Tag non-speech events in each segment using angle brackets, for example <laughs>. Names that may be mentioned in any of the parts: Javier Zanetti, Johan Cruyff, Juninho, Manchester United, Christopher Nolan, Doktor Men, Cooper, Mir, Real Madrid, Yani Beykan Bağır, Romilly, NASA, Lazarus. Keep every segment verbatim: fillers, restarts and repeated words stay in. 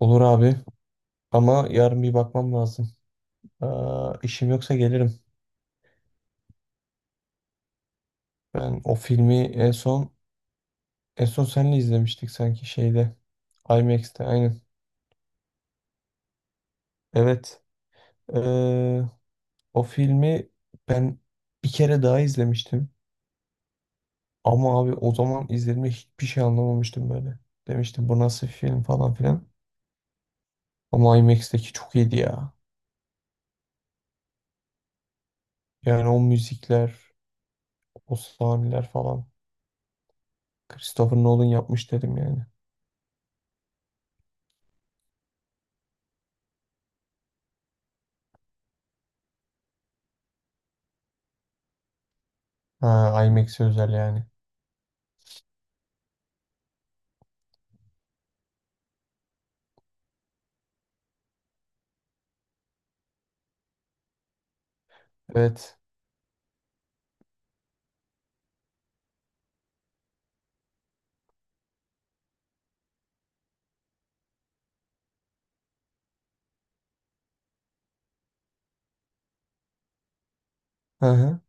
Olur abi, ama yarın bir bakmam lazım. Aa, işim yoksa gelirim. Ben o filmi en son en son seninle izlemiştik sanki şeyde, aymaksta, aynen. Evet. Ee, O filmi ben bir kere daha izlemiştim. Ama abi o zaman izlediğimde hiçbir şey anlamamıştım böyle. Demiştim bu nasıl film, falan filan. Ama aymaksteki çok iyiydi ya. Yani o müzikler, o sahneler falan. Christopher Nolan yapmış dedim yani. Ha, aymakse özel yani. Evet. Hı hı.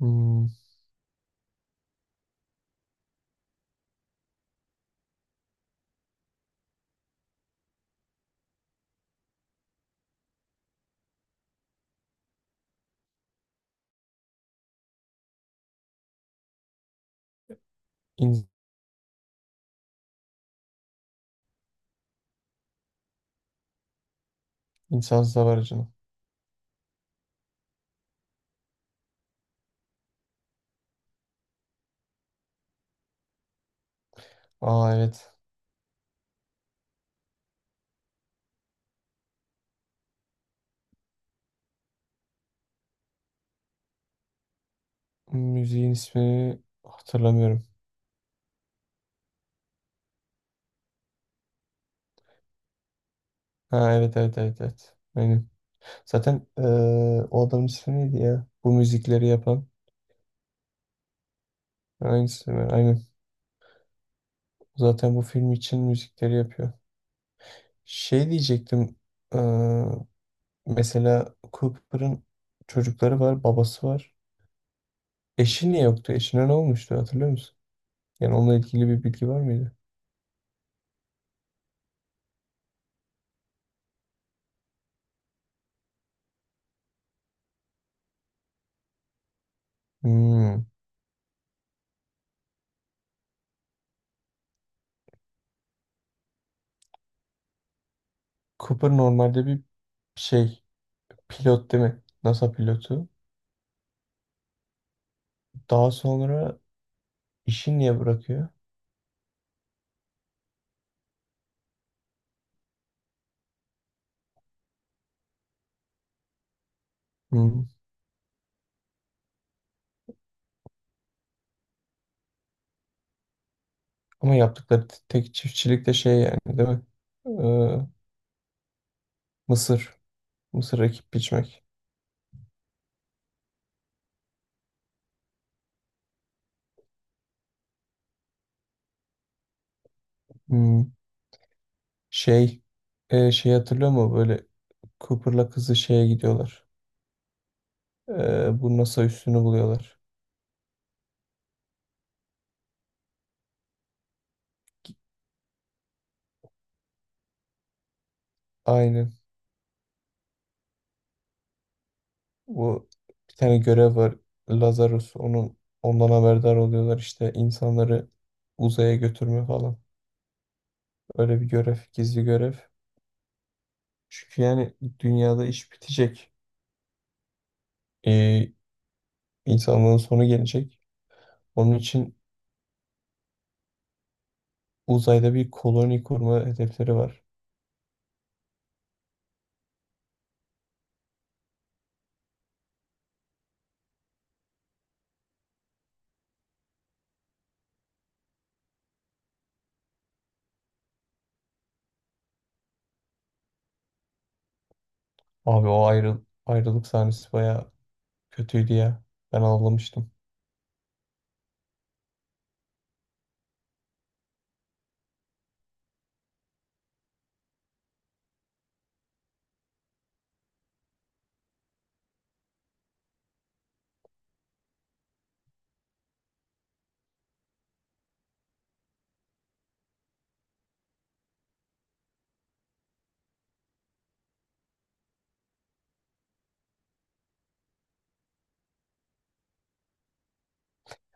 Hmm, in, insansız hava aracını. Aa evet. Müziğin ismini hatırlamıyorum. Ha, evet evet evet evet. Aynen. Zaten eee, o adamın ismi neydi ya? Bu müzikleri yapan. Aynısı mı? Aynen. Zaten bu film için müzikleri yapıyor. Şey diyecektim. eee, Mesela Cooper'ın çocukları var, babası var. Eşi niye yoktu? Eşine ne olmuştu, hatırlıyor musun? Yani onunla ilgili bir bilgi var mıydı? Hmm. Cooper normalde bir şey, pilot değil mi? NASA pilotu. Daha sonra işi niye bırakıyor? Hmm. Ama yaptıkları t- tek çiftçilik de şey yani, değil mi? Ee, Mısır. Mısır ekip biçmek. Hmm. Şey e, şey hatırlıyor musun? Böyle Cooper'la kızı şeye gidiyorlar. Ee, bu NASA üssünü buluyorlar. Aynen. Bu bir tane görev var. Lazarus, onun ondan haberdar oluyorlar işte, insanları uzaya götürme falan. Öyle bir görev, gizli görev. Çünkü yani dünyada iş bitecek. Ee, insanlığın sonu gelecek. Onun için uzayda bir koloni kurma hedefleri var. Abi o ayrıl ayrılık sahnesi bayağı kötüydü ya. Ben ağlamıştım.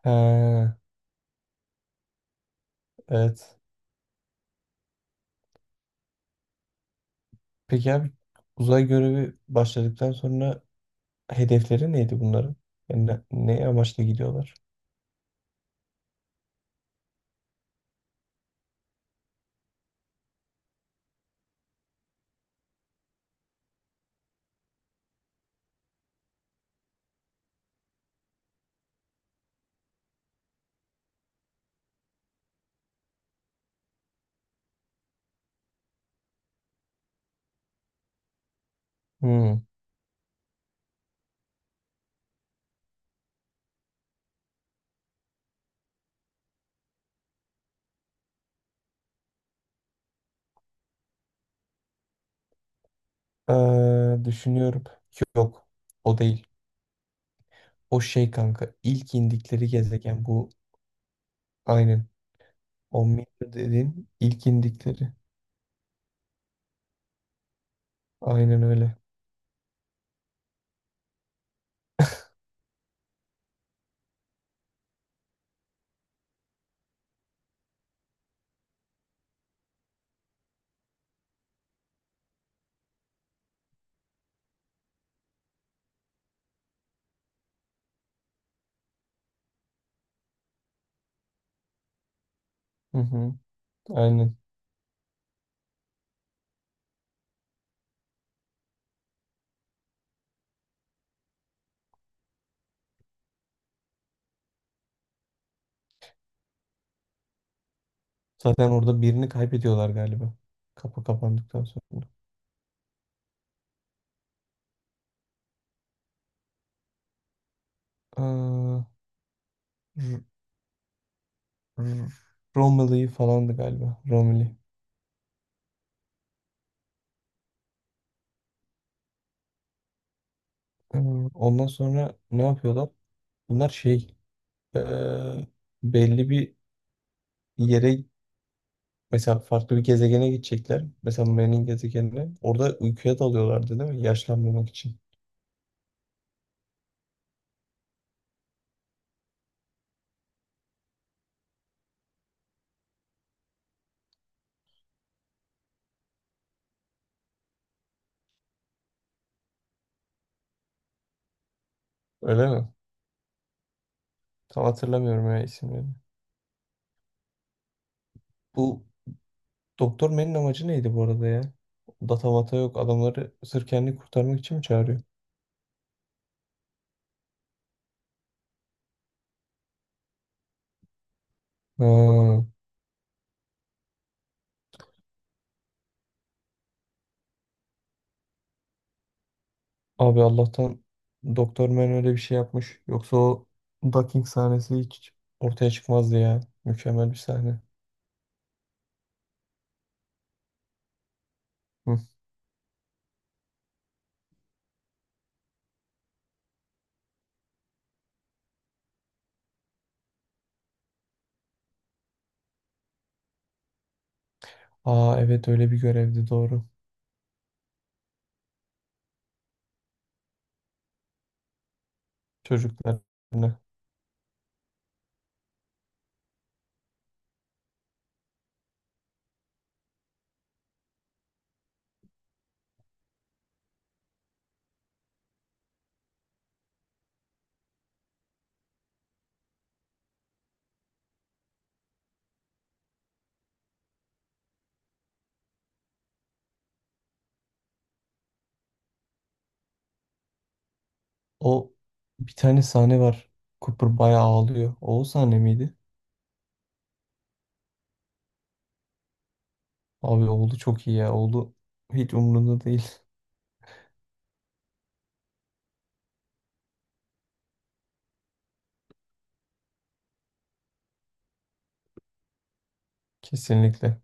He, evet. Peki abi, uzay görevi başladıktan sonra hedefleri neydi bunların? Yani ne, ne amaçla gidiyorlar? Hmm. Ee, düşünüyorum. Yok. O değil. O şey kanka. İlk indikleri gezegen bu. Aynen. O Mir dediğin ilk indikleri. Aynen öyle. Hı hı. Aynen. Zaten orada birini kaybediyorlar galiba. Kapı kapandıktan sonra. Aa, R- Romilly falandı galiba. Romilly. Ee, Ondan sonra ne yapıyorlar? Bunlar şey ee, belli bir yere, mesela farklı bir gezegene gidecekler. Mesela Mer'in gezegenine. Orada uykuya dalıyorlardı değil mi? Yaşlanmamak için. Öyle mi? Tam hatırlamıyorum ya isimlerini. Bu Doktor Menin amacı neydi bu arada ya? Data mata yok. Adamları sırf kendini kurtarmak için mi çağırıyor? Ha. Abi Allah'tan Doktor Man öyle bir şey yapmış. Yoksa o ducking sahnesi hiç ortaya çıkmazdı ya. Mükemmel bir sahne. Hı. Aa evet, öyle bir görevdi, doğru. Çocuklarına. O, bir tane sahne var. Cooper bayağı ağlıyor. O, o sahne miydi? Abi oğlu çok iyi ya. Oğlu hiç umurunda değil. <laughs> Kesinlikle.